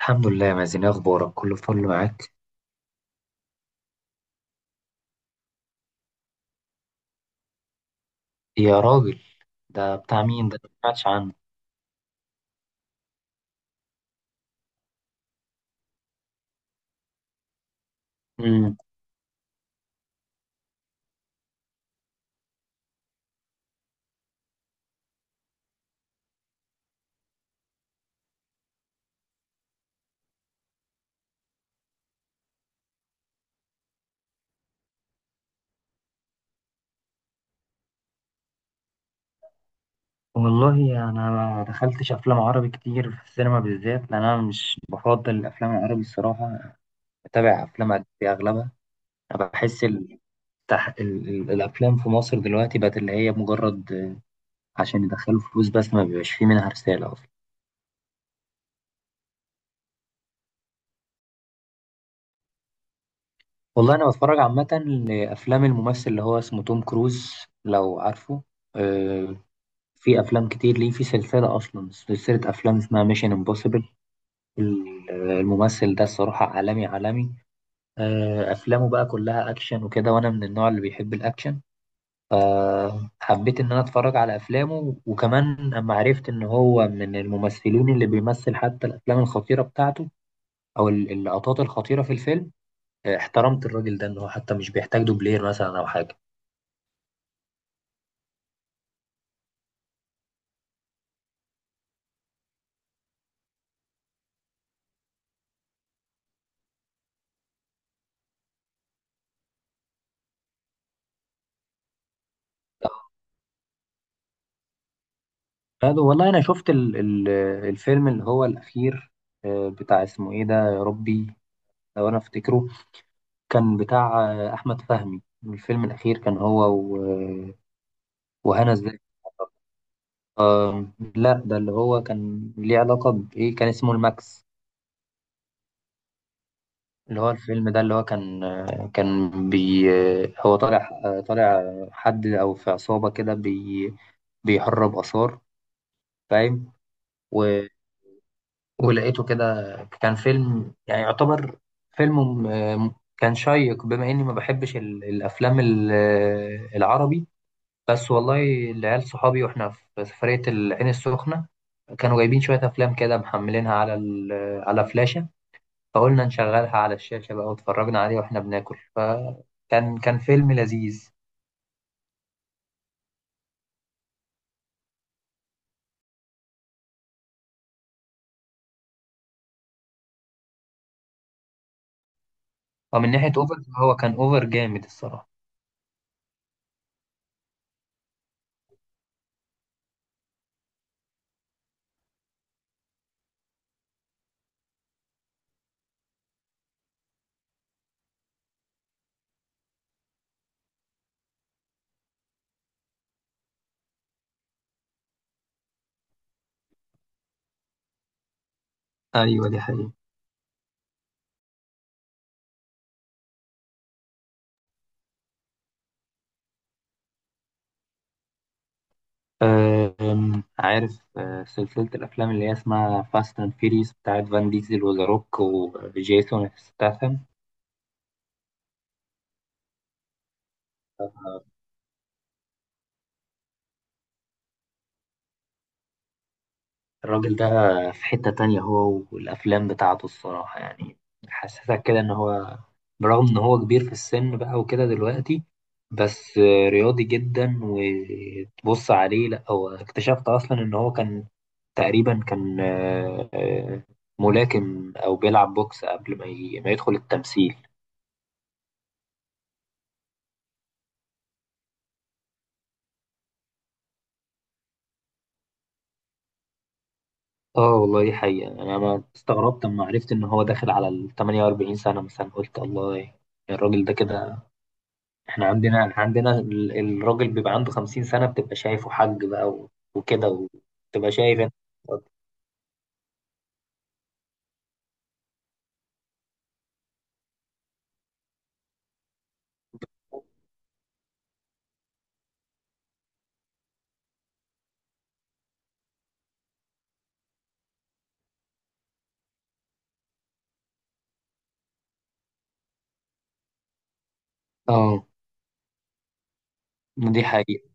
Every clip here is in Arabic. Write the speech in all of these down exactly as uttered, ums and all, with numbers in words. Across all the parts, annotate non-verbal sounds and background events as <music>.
الحمد لله يا مازن، إيه اخبارك؟ كله فل معاك. يا راجل، ده بتاع مين ده؟ ما سمعتش عنه. امم والله انا ما دخلتش افلام عربي كتير في السينما، بالذات لان انا مش بفضل الافلام العربي الصراحه. بتابع افلام اجنبي اغلبها. انا بحس ال... تح... ال... ال... الافلام في مصر دلوقتي بقت اللي هي مجرد عشان يدخلوا فلوس بس، ما بيبقاش فيه منها رساله اصلا. والله انا بتفرج عامه لافلام الممثل اللي هو اسمه توم كروز، لو عارفه. آه، في افلام كتير ليه، في سلسله اصلا سلسله افلام اسمها ميشن امبوسيبل. الممثل ده الصراحه عالمي عالمي. آه، افلامه بقى كلها اكشن وكده، وانا من النوع اللي بيحب الاكشن. حبيت ان انا اتفرج على افلامه، وكمان اما عرفت ان هو من الممثلين اللي بيمثل حتى الافلام الخطيره بتاعته او ال- اللقطات الخطيره في الفيلم. آه، احترمت الراجل ده ان هو حتى مش بيحتاج دوبلير مثلا او حاجه. هذا والله انا شفت ال- ال- الفيلم اللي هو الاخير. آه، بتاع اسمه ايه ده يا ربي، لو انا افتكره. كان بتاع آه، احمد فهمي. الفيلم الاخير كان هو و- وهنا الزاهد. آه، لا ده اللي هو كان ليه علاقه بايه، كان اسمه الماكس. اللي هو الفيلم ده اللي هو كان آه، كان بي آه، هو طالع آه، طالع حد او في عصابه كده بي بيهرب اثار، فاهم. و- ولقيته كده. كان فيلم يعني يعتبر فيلم آه، كان شيق، بما اني ما بحبش ال- الافلام ال- آه، العربي. بس والله، العيال صحابي واحنا في سفرية العين السخنة كانوا جايبين شوية أفلام كده محملينها على ال على فلاشة. فقلنا نشغلها على الشاشة بقى واتفرجنا عليه واحنا بناكل، فكان كان فيلم لذيذ. ومن ناحية أوفر، هو كان أوفر جامد الصراحة. ايوه دي حقيقة. أم، عارف أه، سلسلة الأفلام اللي هي اسمها فاست أند فيريس بتاعت فان ديزل وذا روك وجيسون ستاثام. الراجل ده في حتة تانية هو والأفلام بتاعته الصراحة يعني، حسسك كده إن هو برغم إن هو كبير في السن بقى وكده دلوقتي، بس رياضي جدا. وتبص عليه لأ، هو اكتشفت أصلا إن هو كان تقريبا كان آه، آه، ملاكم أو بيلعب بوكس قبل ما ي- ما يدخل التمثيل. اه والله دي حقيقة، أنا ما استغربت لما عرفت إن هو داخل على ال تمانية وأربعين سنة مثلا، قلت الله. يعني الراجل ده كده. احنا عندنا احنا عندنا ال- الراجل بيبقى عنده خمسين سنة بتبقى شايفه حاج بقى و- وكده، وتبقى شايف انت. اه دي حقيقة.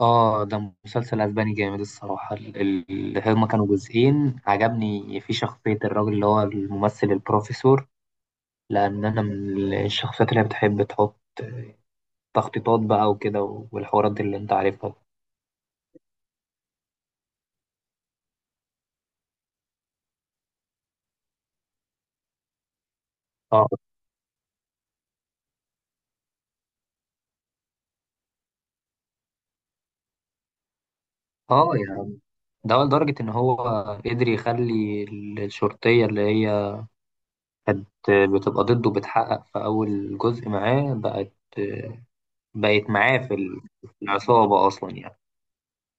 اه ده مسلسل اسباني جامد الصراحة. ال- ال- اللي هما كانوا جزئين، عجبني في شخصية الراجل اللي هو الممثل البروفيسور، لأن أنا من الشخصيات اللي بتحب تحط تخطيطات بقى وكده، والحوارات دي اللي أنت عارفها. اه اه يعني ده لدرجة إن هو قدر يخلي الشرطية اللي هي كانت بتبقى ضده بتحقق في أول جزء معاه، بقت بقت معاه في ال- في العصابة أصلا يعني.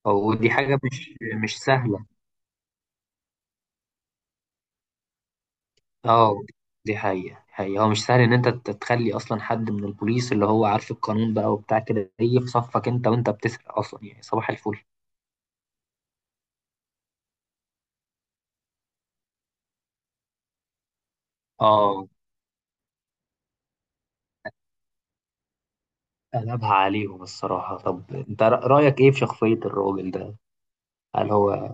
ودي حاجة مش مش سهلة. اه دي حقيقة. حقيقة هو مش سهل إن أنت ت- تخلي أصلا حد من البوليس اللي هو عارف القانون بقى وبتاع كده يجي في صفك أنت وأنت بتسرق أصلا، يعني صباح الفل. اه، قلبها عليهم الصراحة. طب أنت رأ- رأيك إيه في شخصية الراجل ده؟ هل هو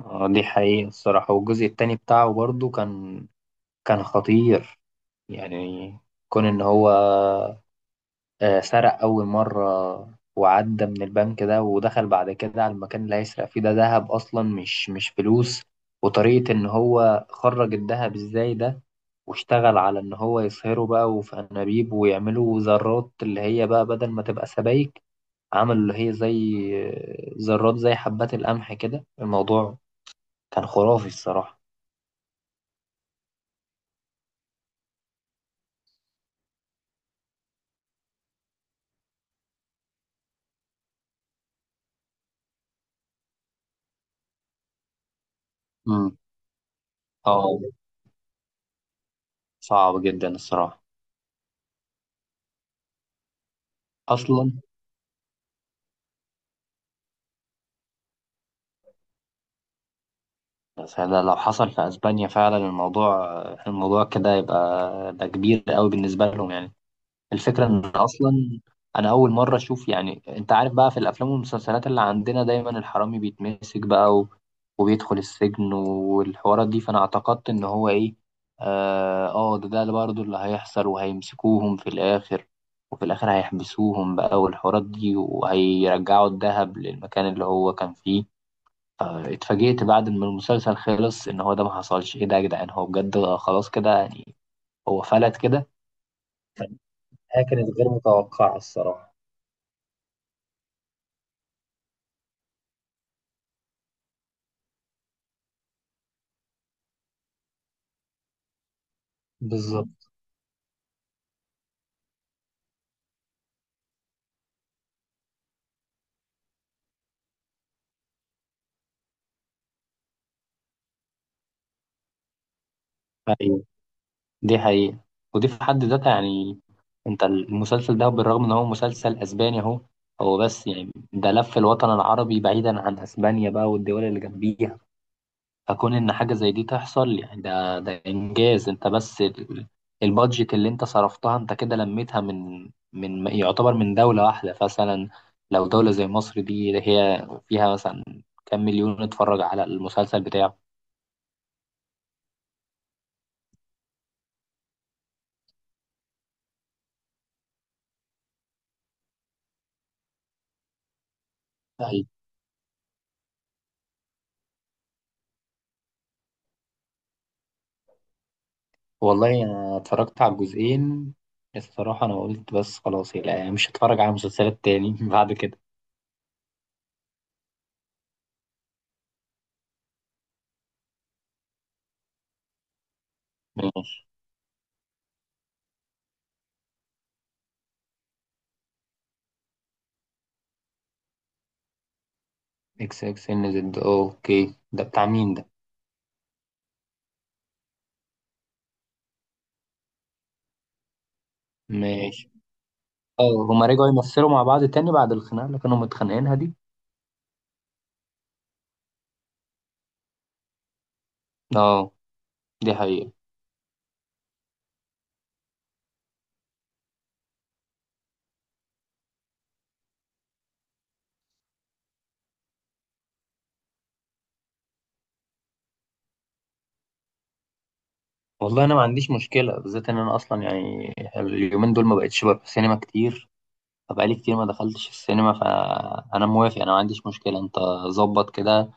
آه دي حقيقة الصراحة. والجزء التاني بتاعه برضه كان كان خطير يعني. كون إن هو آه، سرق أول مرة وعدى من البنك ده، ودخل بعد كده على المكان اللي هيسرق فيه ده ذهب أصلا مش مش فلوس. وطريقة إن هو خرج الذهب إزاي ده، واشتغل على إن هو يصهره بقى وفي أنابيب، ويعملوا ذرات اللي هي بقى بدل ما تبقى سبايك، عملوا اللي هي زي آه، ذرات زي حبات القمح كده. الموضوع كان خرافي الصراحة. مم. اه صعب جدا الصراحة. أصلا بس ده لو حصل في اسبانيا فعلا، الموضوع الموضوع كده يبقى ده كبير قوي بالنسبه لهم يعني. الفكره ان اصلا انا اول مره اشوف، يعني انت عارف بقى في الافلام والمسلسلات اللي عندنا دايما الحرامي بيتمسك بقى و... وبيدخل السجن والحوارات دي. فانا اعتقدت ان هو ايه، اه آه، ده ده اللي برضه اللي هيحصل وهيمسكوهم في الاخر. وفي الاخر هيحبسوهم بقى والحوارات دي، وهيرجعوا الذهب للمكان اللي هو كان فيه. آه، اتفاجئت بعد ما المسلسل خلص ان هو ده ما حصلش. ايه ده يا جدعان، هو بجد خلاص كده يعني، هو فلت كده. هي كانت غير متوقعة الصراحة. بالظبط. ايوه دي حقيقة. ودي في حد ذاتها يعني، انت المسلسل ده بالرغم ان هو مسلسل اسباني اهو. هو بس يعني، ده لف الوطن العربي بعيدا عن اسبانيا بقى والدول اللي جنبيها. فكون ان حاجه زي دي تحصل يعني ده ده انجاز. انت بس ال- البادجت اللي انت صرفتها انت كده لميتها من من يعتبر من دوله واحده مثلا. لو دوله زي مصر دي هي فيها مثلا كام مليون اتفرج على المسلسل بتاعه. أيوة. والله انا اتفرجت على الجزئين الصراحه، انا قلت بس خلاص لا مش هتفرج على مسلسلات تاني <laughs> بعد كده. ماشي. اكس اكس ان زد، اوكي ده بتاع مين ده؟ ماشي. اه هما رجعوا يمثلوا مع بعض تاني بعد الخناقة اللي كانوا متخانقينها دي. اه دي حقيقة. والله انا ما عنديش مشكلة، بالذات ان انا اصلا يعني اليومين دول ما بقتش بروح السينما كتير، فبقالي كتير ما دخلتش السينما. فانا موافق، انا ما عنديش مشكلة. انت ظبط كده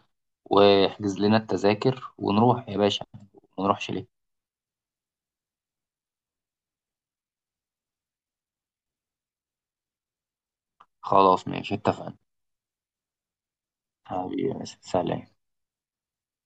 واحجز لنا التذاكر ونروح يا باشا، ما نروحش ليه؟ خلاص ماشي اتفقنا. حبيبي يا باشا، سلام.